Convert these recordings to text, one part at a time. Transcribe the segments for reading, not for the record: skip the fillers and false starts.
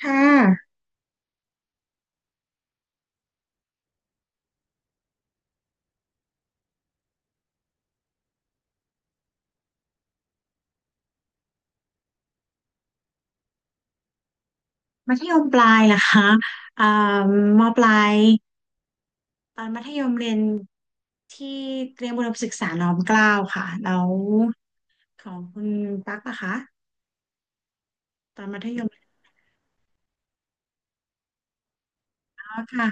ค่ะมัธยมปลายเหรอคะอ่ามปลายตอนมัธยมเรียนที่เตรียมอุดมศึกษาน้อมเกล้าค่ะแล้วของคุณตั๊กนะคะตอนมัธยมแล้วค่ะ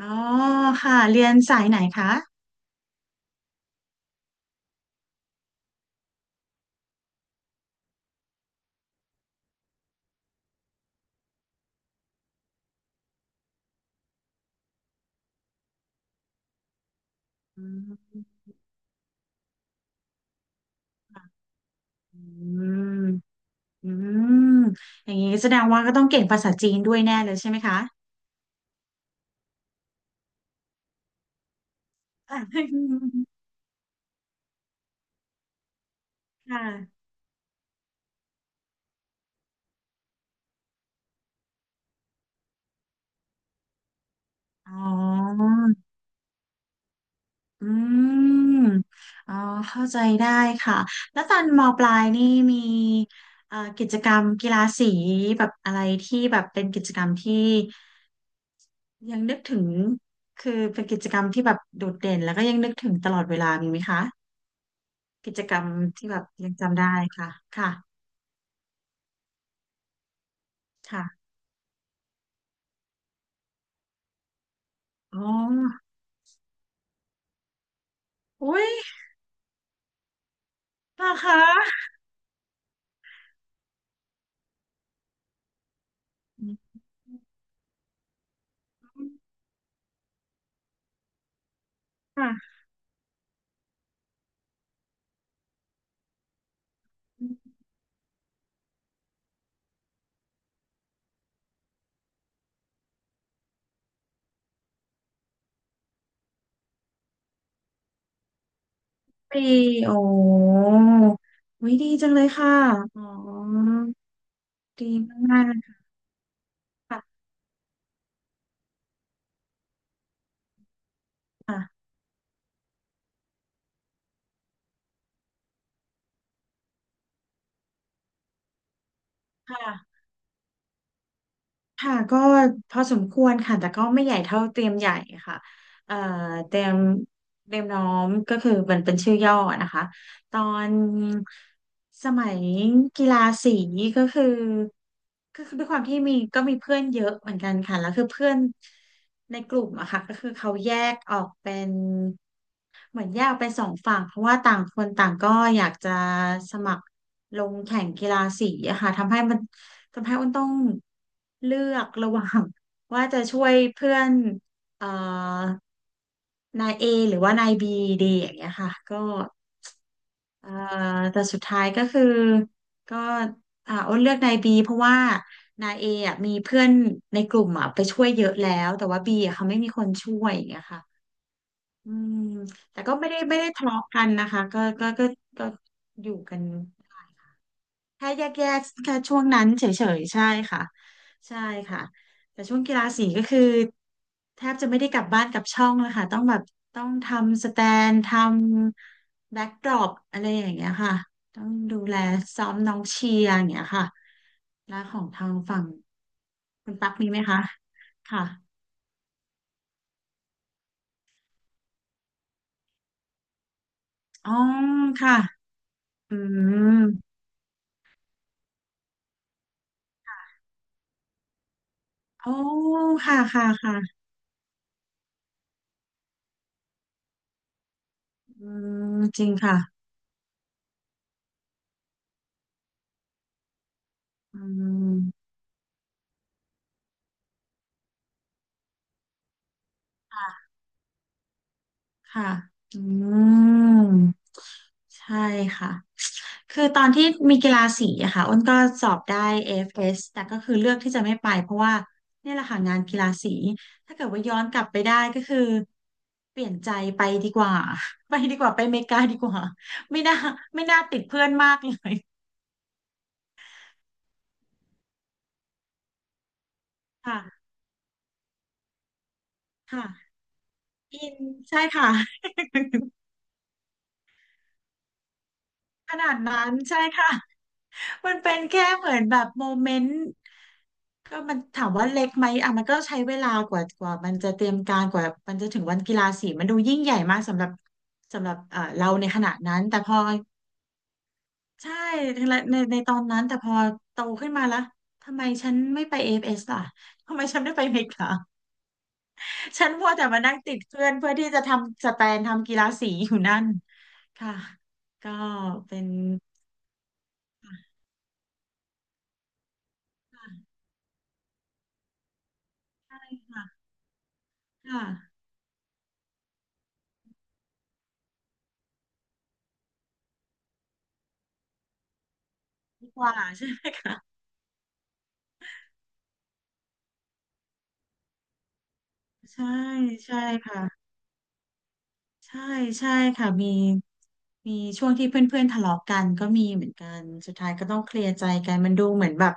อ๋อค่ะเรียนสายไหนคะอืมอืมอืมอย่างนี้แสดงว่าก็ต้องเก่งภาษาจีนด้วยแน่เลยใช่ไหมคะ ค่ะอ๋อ อืมอ๋อเข้าใจได้ค่ะแล้วตอนมปลายนี่มีกิจกรรมกีฬาสีแบบอะไรที่แบบเป็นกิจกรรมที่ยังนึกถึงคือเป็นกิจกรรมที่แบบโดดเด่นแล้วก็ยังนึกถึงตลอดเวลามีไหมคะกิจกรรมที่แบบยังจำได้ค่ะค่ะค่ะอ๋ออุ้ยนะคะอืมค่ะปีโอ้วิดีจังเลยค่ะอ๋อดีมากๆเลยค่ะ ค่ะค่ะ ค่ะ ก็พอสมควรค่ะ แต่ก็ไม่ใหญ่เท่าเตรียมใหญ่ค่ะเอ่อเตรียมเตรียมน้อมก็คือมันเป็นชื่อย่อนะคะ ตอนสมัยกีฬาสีก็คือคือด้วยความที่มีมีเพื่อนเยอะเหมือนกันค่ะ แล้วคือเพื่อน ในกลุ่มอะค่ะก็คือเขาแยกออกเป็นเหมือนแยกออกเป็นสองฝั่งเพราะว่าต่างคนต่างก็อยากจะสมัครลงแข่งกีฬาสีอะค่ะทำให้อ้นต้องเลือกระหว่าง ว่าจะช่วยเพื่อนเอ่อนาย A หรือว่านายบีดีอย่างเงี้ยค่ะก็ เอ่อแต่สุดท้ายก็คือก็อ้นเลือกนายบีเพราะว่านายเออ่ะมีเพื่อนในกลุ่มอ่ะไปช่วยเยอะแล้วแต่ว่าบีอ่ะเขาไม่มีคนช่วยอย่างเงี้ยค่ะอืมแต่ก็ไม่ได้ทะเลาะกันนะคะก็อยู่กัน แค่แยกแค่ช่วงนั้นเฉยๆ ใช่ค่ะใช่ค่ะแต่ช่วงกีฬาสีก็คือแทบจะไม่ได้กลับบ้านกลับช่องแล้วค่ะต้องทำสแตนทำแบ็กดรอปอะไรอย่างเงี้ยค่ะต้องดูแลซ้อมน้องเชียร์อย่างเงี้ยค่ะแล้วของทางฝั่งคุณตั๊กมีไหมคะค่ะอ๋อค่ะอืมโอ้ค่ะค่ะค่ะอืมจริงค่ะอืม ค่ะอืมใช่ค่ะคือตอนที่มีกีฬาสีอะค่ะอ้นก็สอบได้AS แต่ก็คือเลือกที่จะไม่ไปเพราะว่าเนี่ยแหละค่ะงานกีฬาสีถ้าเกิดว่าย้อนกลับไปได้ก็คือเปลี่ยนใจไปดีกว่า ไปดีกว่าไปอเมริกาดีกว่าไม่น่าไม่น่าติดเพื่อนมากเลยค่ะค่ะอินใช่ค่ะ ขนาดนั้นใช่ค่ะ มันเป็นแค่เหมือนแบบโมเมนต์ก็มันถามว่าเล็กไหมอ่ะมันก็ใช้เวลากว่ามันจะเตรียมการกว่ามันจะถึงวันกีฬาสีมันดูยิ่งใหญ่มากสำหรับเราในขณะนั้นแต่พอใช่ในตอนนั้นแต่พอโตขึ้นมาแล้วทำไมฉันไม่ไปAFSล่ะทำไมฉันไม่ไปอเมริกาฉันมัวแต่มานั่งติดเพื่อนเพื่อที่จะทำสแตนทำกีฬาสีอยู่นั่นค่ะก็เป็นค่ะดีกว่าใช่ไหม ใช่ใช่ค่ะใช่ใช่ค่ะมีช่วงที่เพื่อนๆทะเลาะกันก็มีเหมือนกันสุดท้ายก็ต้องเคลียร์ใจกันมันดูเหมือนแบบ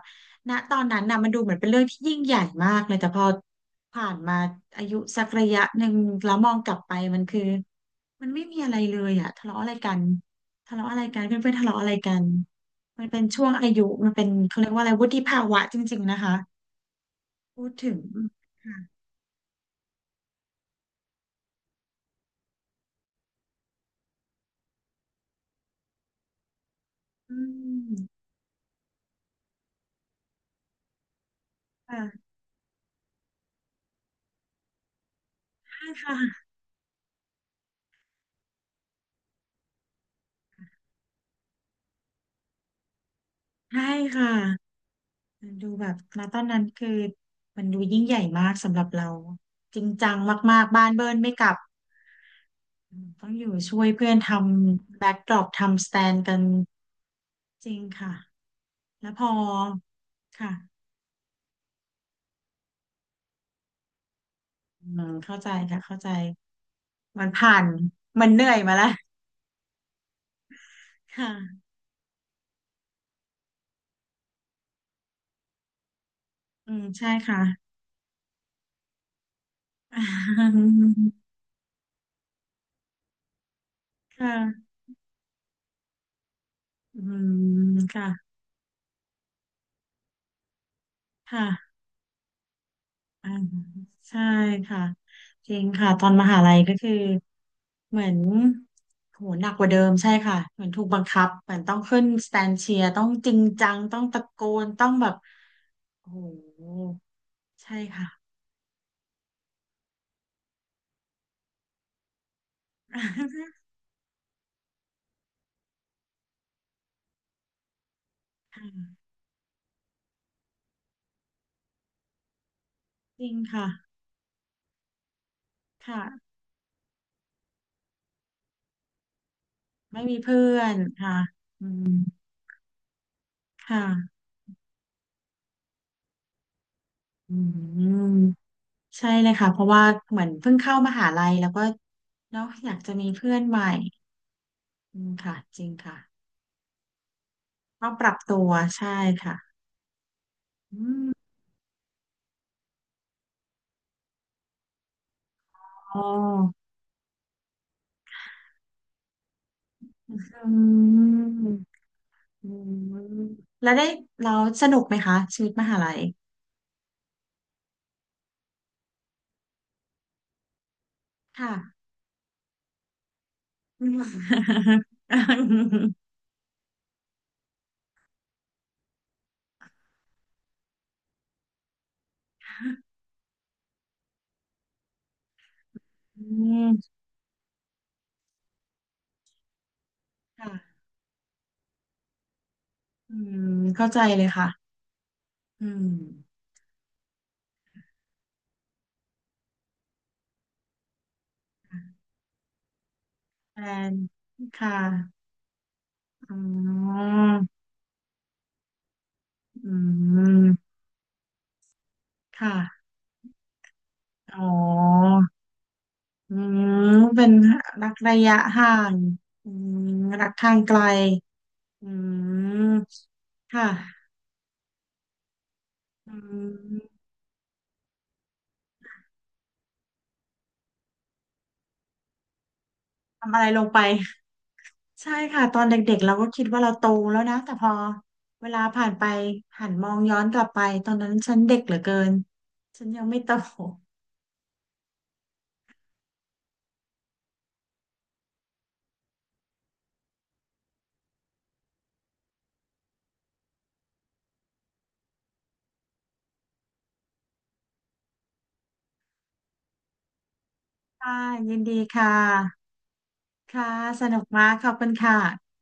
ณตอนนั้นน่ะมันดูเหมือนเป็นเรื่องที่ยิ่งใหญ่มากเลยแต่พอผ่านมาอายุสักระยะหนึ่งแล้วมองกลับไปมันคือมันไม่มีอะไรเลยอะทะเลาะอะไรกันทะเลาะอะไรกันเพื่อนๆทะเลาะอะไรกันมันเป็นช่วงอายุมันเป็นเขาเรียกว่าอะไรวุฒิภาวะจริงๆนะคะพูดถึงค่ะอืมค่ะใช่ค่ะ ใช่ค่ะ มันดูแบบณตอนนั้นคือมันดูยิ่งใหญ่มากสำหรับเราจริงจังมากๆบ้านเบิร์นไม่กลับต้องอยู่ช่วยเพื่อนทำแบ็กดรอปทำสแตนกันจริงค่ะแล้วพอค่ะอืมเข้าใจค่ะเข้าใจมันผ่านมันเหนื่อยมาแล้วค่ะอืมใช่ค่ะ ค่ะอืมค่ะค่ะ อ่าใช่ค่ะจริงค่ะตอนมหาลัยก็คือเหมือนโหหนักกว่าเดิมใช่ค่ะเหมือนถูกบังคับเหมือนต้องขึ้นสแตนเชียร์ต้องจริงจังต้องตะโกนต้องแบบโอ้โหใช่ค่ะ ค่ะจริงค่ะค่ะไม่มีเพื่อนค่ะอืมค่ะอืมใช่เลยค่ะเพราะว่าเหมือนเพิ่งเข้ามหาลัยแล้วก็เนาะอยากจะมีเพื่อนใหม่อืมค่ะจริงค่ะ ต้องปรับตัวใช่ค่ะอืมอ๋ออืมอืมแล้วได้เราสนุกไหมคะชีวิตมหาลัยค่ะอืมอืมค่ะอืมเข้าใจเลยค่ะอืมแฟนค่ะอ๋ออืมค่ะอ๋ออืมเป็นรักระยะห่างอืมรักทางไกล อืมค่ะอืมทำอะไรลงไปใช่ค่ะตอนเด็กๆเราก็คิดว่าเราโตแล้วนะแต่พอเวลาผ่านไปหันมองย้อนกลับไปตอนนั้นฉันเด็กเหลือเกินฉันยังไม่โต ค่ะยินดีค่ะค่ะสนุกมากขอบคุณค่ะ